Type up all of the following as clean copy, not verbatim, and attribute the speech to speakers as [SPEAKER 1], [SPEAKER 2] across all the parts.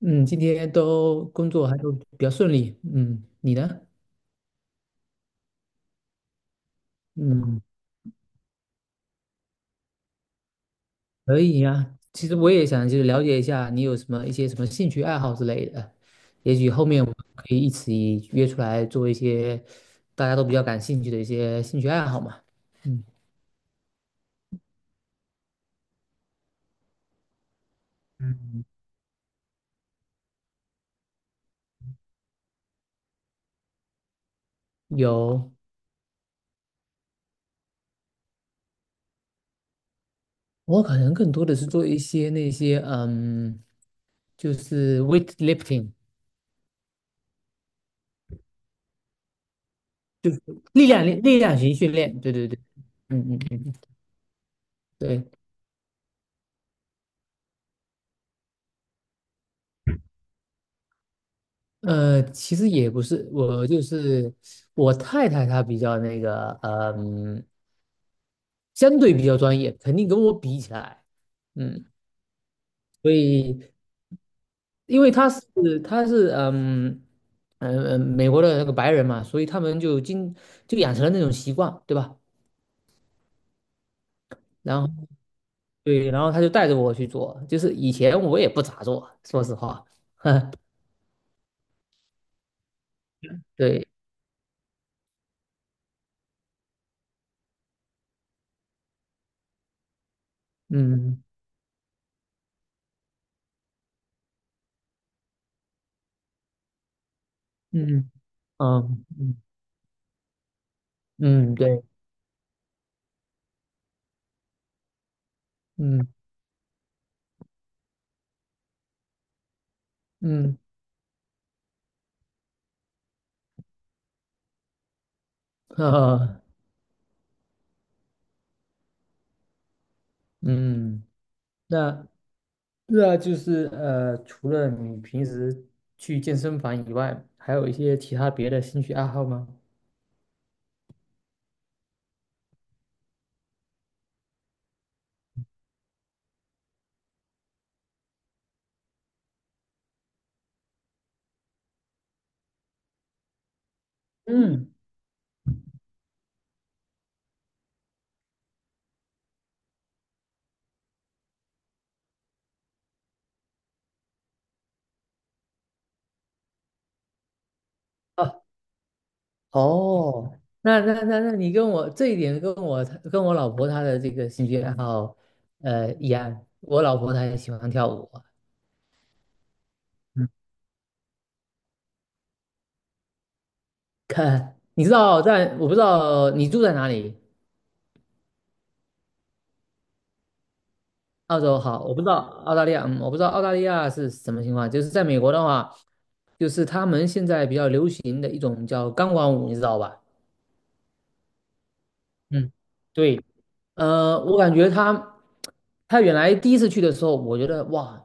[SPEAKER 1] 嗯，今天都工作还都比较顺利。嗯，你呢？嗯，可以呀。其实我也想就是了解一下你有什么一些什么兴趣爱好之类的，也许后面我们可以一起约出来做一些大家都比较感兴趣的一些兴趣爱好嘛。嗯嗯，有，我可能更多的是做一些那些就是 weightlifting 力量型训练。对对对，嗯嗯嗯，嗯对。其实也不是，我就是我太太，她比较那个，相对比较专业，肯定跟我比起来，嗯，所以因为她是美国的那个白人嘛，所以他们就养成了那种习惯，对吧？然后对，然后她就带着我去做，就是以前我也不咋做，说实话，对，嗯嗯嗯嗯嗯，对，嗯嗯啊 嗯。那那就是除了你平时去健身房以外，还有一些其他别的兴趣爱好吗？嗯，啊，哦，那你跟我这一点跟我老婆她的这个兴趣爱好，一样。我老婆她也喜欢跳舞啊嗯看，你知道不知道你住在哪里？澳洲好，我不知道澳大利亚，我不知道澳大利亚是什么情况。就是在美国的话，就是他们现在比较流行的一种叫钢管舞，你知道吧？嗯对，我感觉他原来第一次去的时候，我觉得哇，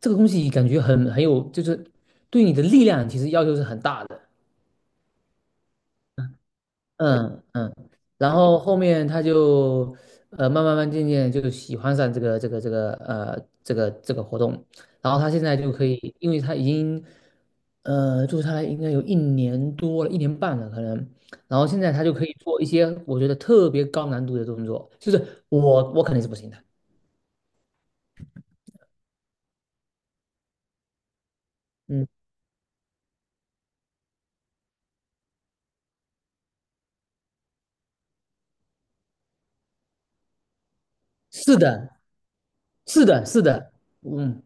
[SPEAKER 1] 这个东西感觉很有，就是对你的力量其实要求是很大的。嗯嗯，然后后面他就慢慢渐渐就喜欢上这个活动，然后他现在就可以，因为他已经做下来应该有1年多了，1年半了可能，然后现在他就可以做一些我觉得特别高难度的动作，就是我肯定是不行的，嗯，是的，是的，是的，嗯。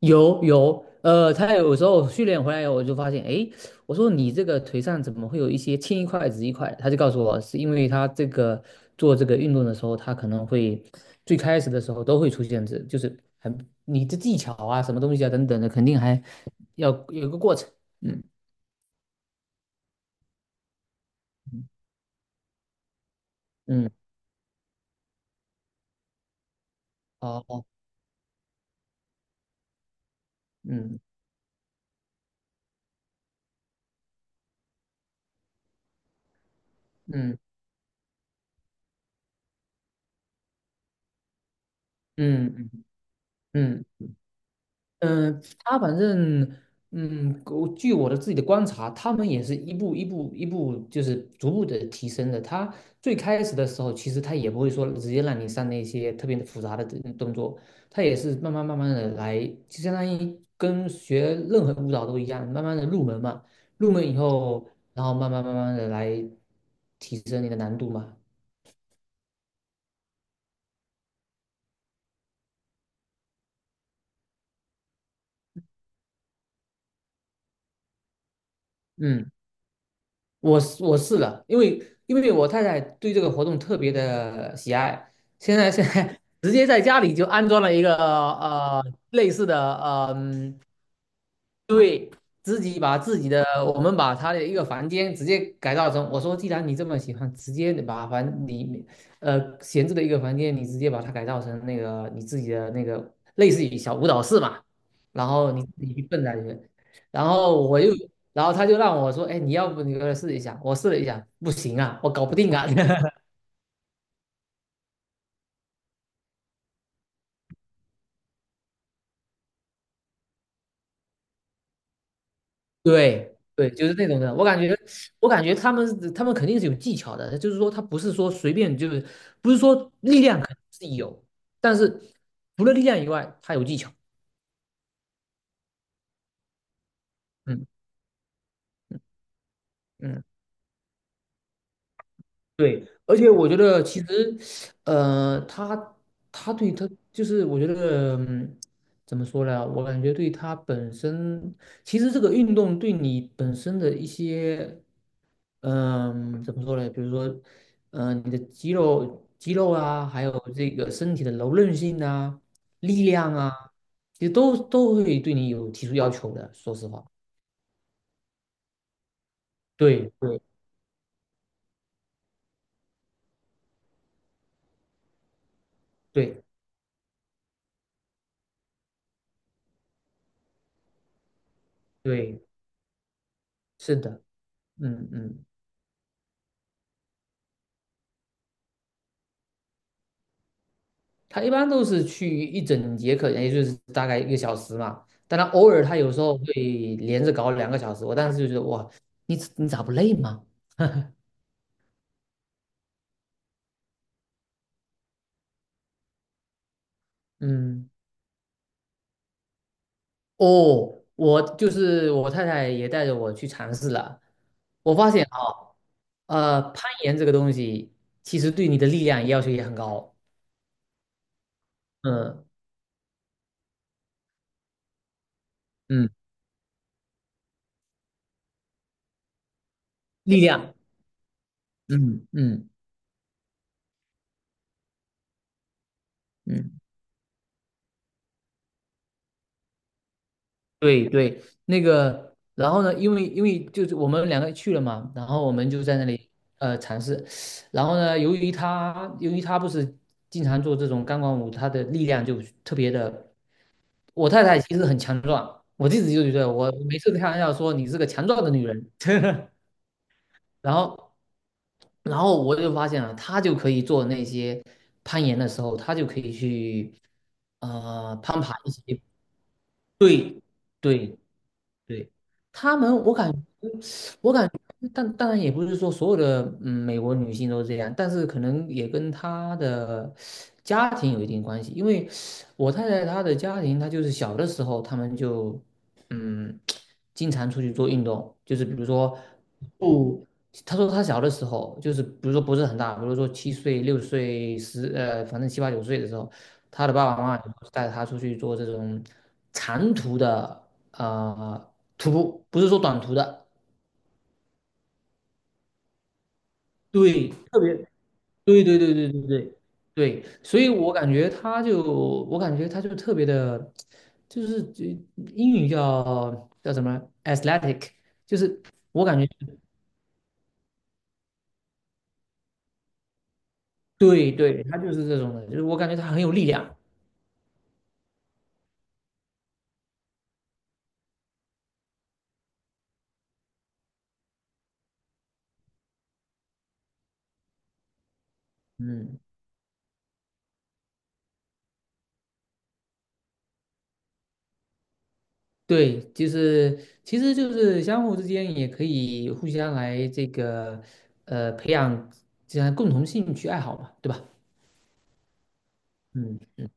[SPEAKER 1] 有有，他有时候训练回来以后，我就发现，诶，我说你这个腿上怎么会有一些青一块紫一块？他就告诉我，是因为他这个做这个运动的时候，他可能会最开始的时候都会出现这，就是很你的技巧啊，什么东西啊等等的，肯定还要有个过程。嗯嗯，好，嗯哦哦嗯嗯嗯嗯。嗯嗯，他反正，我据我的自己的观察，他们也是一步一步一步，就是逐步的提升的。他最开始的时候，其实他也不会说直接让你上那些特别的复杂的这动作，他也是慢慢慢慢的来，就相当于跟学任何舞蹈都一样，慢慢的入门嘛。入门以后，然后慢慢慢慢的来提升你的难度嘛。嗯。我是了，因为我太太对这个活动特别的喜爱，现在 直接在家里就安装了一个类似的对，自己把自己的，我们把他的一个房间直接改造成，我说，既然你这么喜欢，直接你闲置的一个房间，你直接把它改造成那个你自己的那个类似于小舞蹈室嘛，然后你自己去蹦在里面。然后我又，然后他就让我说，哎，你要不你过来试一下，我试了一下，不行啊，我搞不定啊，对对，就是那种的。我感觉他们肯定是有技巧的，就是说他不是说随便，就是不是说力量肯定是有，但是除了力量以外，他有技巧。嗯嗯，对。而且我觉得其实，呃，他他就是我觉得，怎么说呢？我感觉对他本身，其实这个运动对你本身的一些。怎么说呢？比如说，你的肌肉啊，还有这个身体的柔韧性啊、力量啊，其实都会对你有提出要求的。说实话，对对对对，是的，嗯嗯，他一般都是去一整节课，也就是大概1个小时嘛。但他偶尔他有时候会连着搞2个小时，我当时就觉得哇，你咋不累吗？嗯。哦，我就是我太太也带着我去尝试了，我发现啊，攀岩这个东西其实对你的力量要求也很高，嗯嗯，力量，嗯嗯嗯，对对，那个，然后呢，因为就是我们两个去了嘛，然后我们就在那里尝试，然后呢，由于他不是经常做这种钢管舞，他的力量就特别的。我太太其实很强壮，我一直就觉得我每次开玩笑说你是个强壮的女人，然后，然后我就发现了，她就可以做那些攀岩的时候，她就可以去攀爬一些对对对，他们，我感觉，但当然也不是说所有的美国女性都这样，但是可能也跟她的家庭有一定关系。因为我太太她的家庭，她就是小的时候，他们就嗯经常出去做运动，就是比如说不，她说她小的时候，就是比如说不是很大，比如说7岁、6岁、反正七八九岁的时候，她的爸爸妈妈就带她出去做这种长途的。啊、呃途，不是说短途的，对，特别，对对对对对对对，所以我感觉他就，特别的，就是英语叫什么 athletic，就是我感觉，对对，他就是这种的，就是我感觉他很有力量，嗯，对，就是其实就是相互之间也可以互相来这个培养这样共同兴趣爱好嘛，对吧？嗯嗯。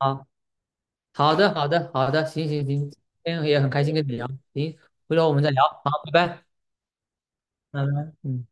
[SPEAKER 1] 好。好的，好的，好的，行行行，今天也很开心跟你聊，行，回头我们再聊，好，拜拜，拜拜，嗯。